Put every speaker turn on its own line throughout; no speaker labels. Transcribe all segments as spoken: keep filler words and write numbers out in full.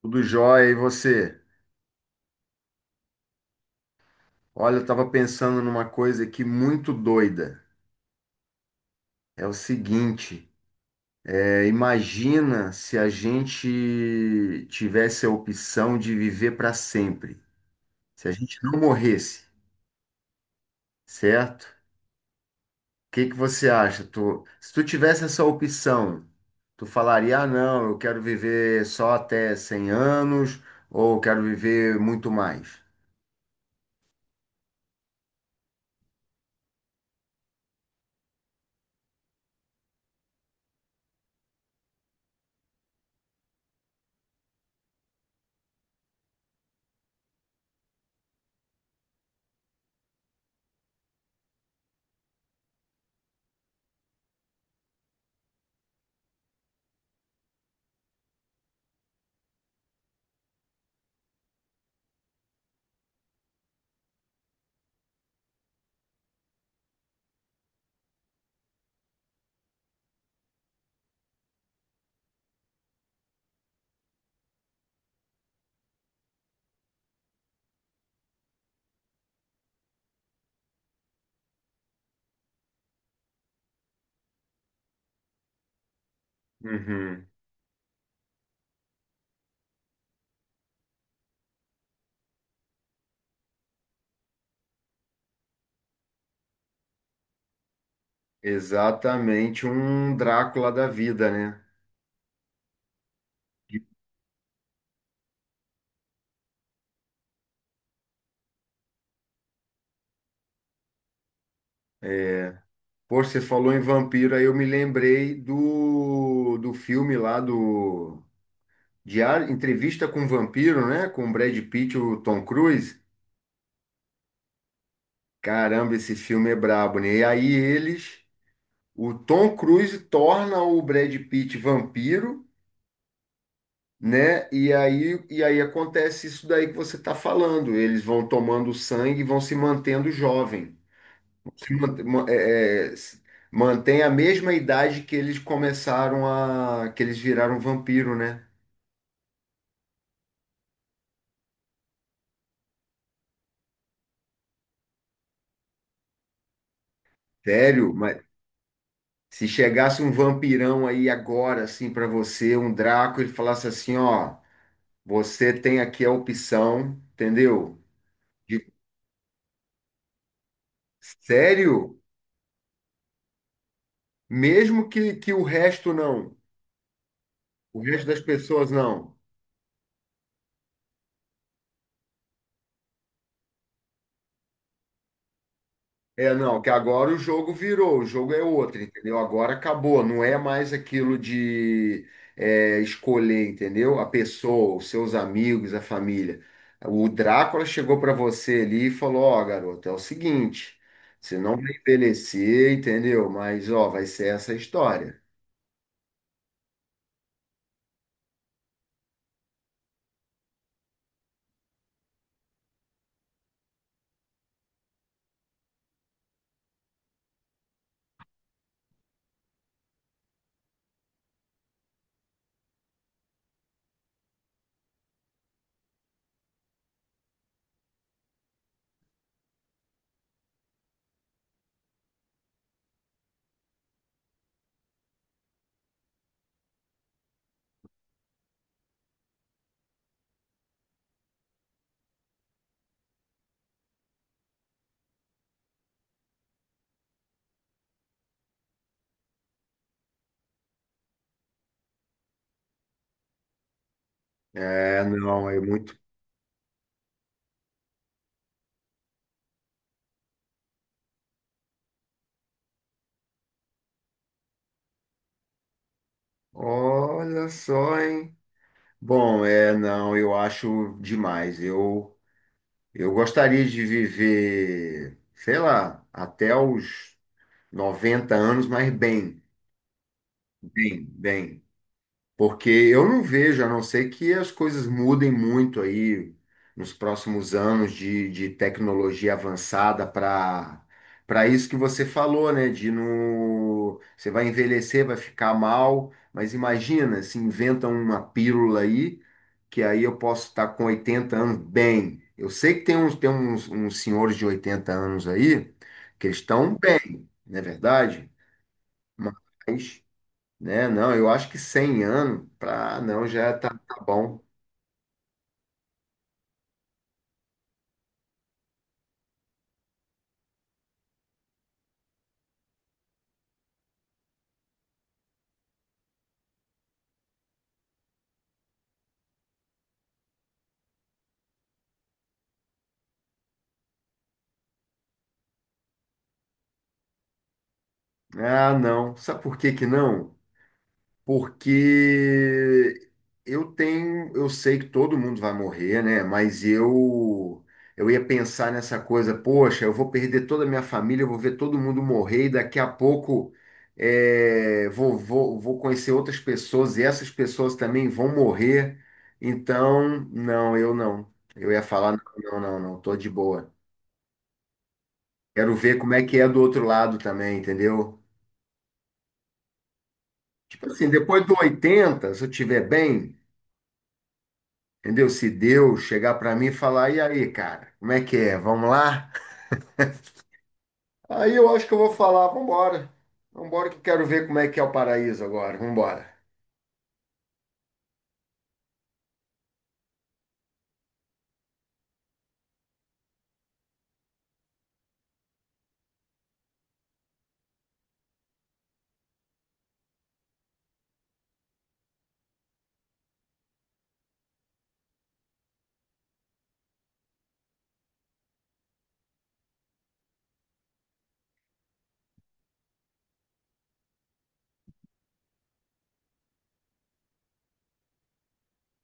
Tudo jóia, e você? Olha, eu tava pensando numa coisa aqui muito doida. É o seguinte, é, imagina se a gente tivesse a opção de viver para sempre, se a gente não morresse, certo? O que que você acha? Tu, se tu tivesse essa opção, tu falaria, ah, não, eu quero viver só até cem anos, ou eu quero viver muito mais? Uhum. Exatamente um Drácula da vida, né? Pô, você falou em vampiro, aí eu me lembrei do, do filme lá do Diário, Entrevista com o Vampiro, né? Com o Brad Pitt e o Tom Cruise. Caramba, esse filme é brabo, né? E aí eles, o Tom Cruise torna o Brad Pitt vampiro, né? E aí, e aí acontece isso daí que você está falando. Eles vão tomando sangue e vão se mantendo jovem. Man- ma- é, é, s- Mantém a mesma idade que eles começaram a, que eles viraram vampiro, né? Sério, mas se chegasse um vampirão aí agora, assim, pra você, um Draco, ele falasse assim, ó, você tem aqui a opção, entendeu? De- Sério? Mesmo que, que o resto não, o resto das pessoas não. É, não, que agora o jogo virou, o jogo é outro, entendeu? Agora acabou, não é mais aquilo de é, escolher, entendeu? A pessoa, os seus amigos, a família. O Drácula chegou para você ali e falou: Ó, garoto, é o seguinte, você não vai envelhecer, entendeu? Mas, ó, vai ser essa a história. É, não, é muito. Olha só, hein? Bom, é, não, eu acho demais. Eu. Eu gostaria de viver, sei lá, até os noventa anos, mas bem, bem, bem. Porque eu não vejo, a não ser que as coisas mudem muito aí nos próximos anos de, de, tecnologia avançada para para isso que você falou, né? De no, você vai envelhecer, vai ficar mal, mas imagina se inventam uma pílula aí, que aí eu posso estar com oitenta anos bem. Eu sei que tem uns, tem uns, uns senhores de oitenta anos aí que eles estão bem, não é verdade? Mas né? Não, eu acho que cem anos, pra, "Ah, não, já tá, tá bom. Ah, não. Sabe por que que não? Porque eu tenho, eu sei que todo mundo vai morrer, né? Mas eu eu ia pensar nessa coisa, poxa, eu vou perder toda a minha família, eu vou ver todo mundo morrer e daqui a pouco é, vou, vou, vou conhecer outras pessoas e essas pessoas também vão morrer. Então, não, eu não. Eu ia falar, não, não, não, não, tô de boa. Quero ver como é que é do outro lado também, entendeu? Tipo assim, depois do oitenta, se eu estiver bem, entendeu? Se Deus chegar pra mim e falar, e aí, cara, como é que é? Vamos lá? Aí eu acho que eu vou falar, vambora. Vambora que eu quero ver como é que é o paraíso agora, vambora.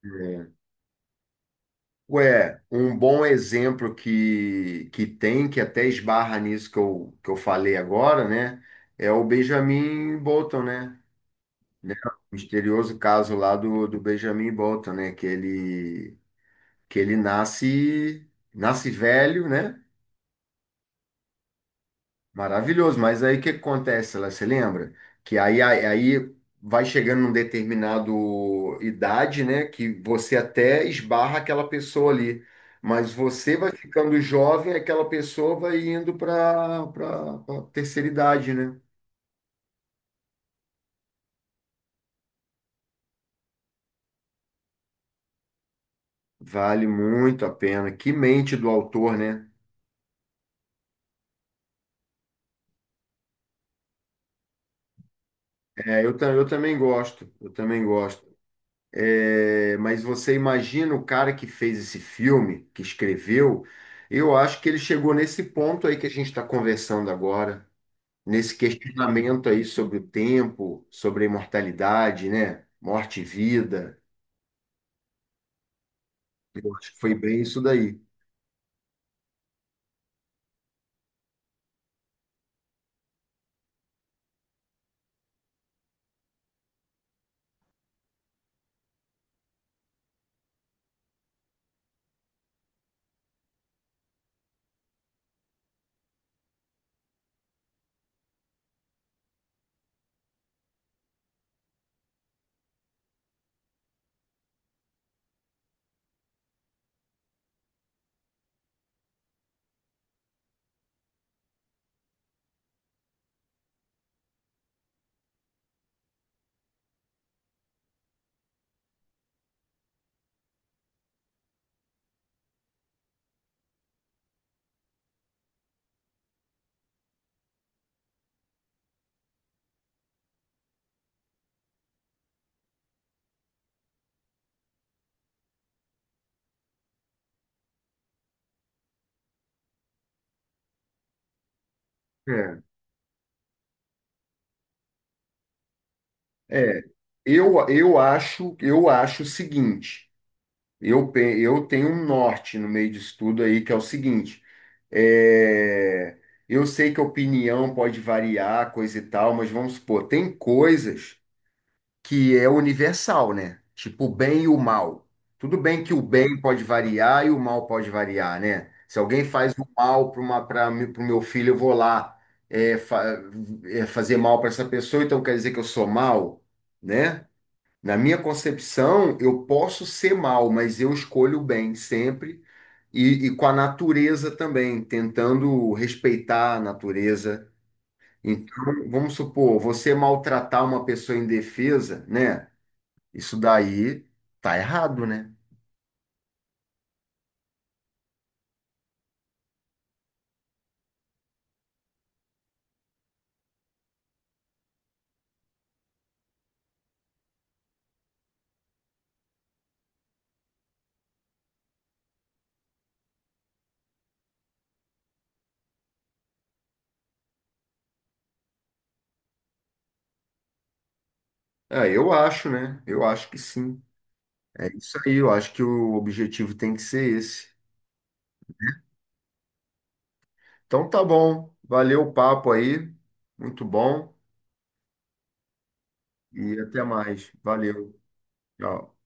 É. Ué, um bom exemplo que, que tem, que até esbarra nisso que eu, que eu falei agora, né? É o Benjamin Bolton, né? Né? O misterioso caso lá do, do Benjamin Bolton, né? Que ele que ele nasce, nasce velho, né? Maravilhoso. Mas aí o que acontece, lá, você lembra? Que aí, aí aí vai chegando num determinado idade, né? Que você até esbarra aquela pessoa ali. Mas você vai ficando jovem, aquela pessoa vai indo para a terceira idade, né? Vale muito a pena. Que mente do autor, né? É, eu, ta- eu também gosto. Eu também gosto. É, mas você imagina o cara que fez esse filme, que escreveu, eu acho que ele chegou nesse ponto aí que a gente está conversando agora, nesse questionamento aí sobre o tempo, sobre a imortalidade, né? Morte e vida. Eu acho que foi bem isso daí. É, é. Eu, eu acho, eu acho o seguinte. Eu, pe- eu tenho um norte no meio disso tudo aí, que é o seguinte: é, eu sei que a opinião pode variar, coisa e tal, mas vamos supor, tem coisas que é universal, né? Tipo o bem e o mal. Tudo bem que o bem pode variar e o mal pode variar, né? Se alguém faz o mal para o meu filho, eu vou lá é, fa- é, fazer mal para essa pessoa, então quer dizer que eu sou mal, né? Na minha concepção, eu posso ser mal, mas eu escolho o bem sempre e, e com a natureza também, tentando respeitar a natureza. Então, vamos supor, você maltratar uma pessoa indefesa, né? Isso daí tá errado, né? É, eu acho, né? Eu acho que sim. É isso aí, eu acho que o objetivo tem que ser esse. Então tá bom, valeu o papo aí, muito bom e até mais. Valeu, tchau.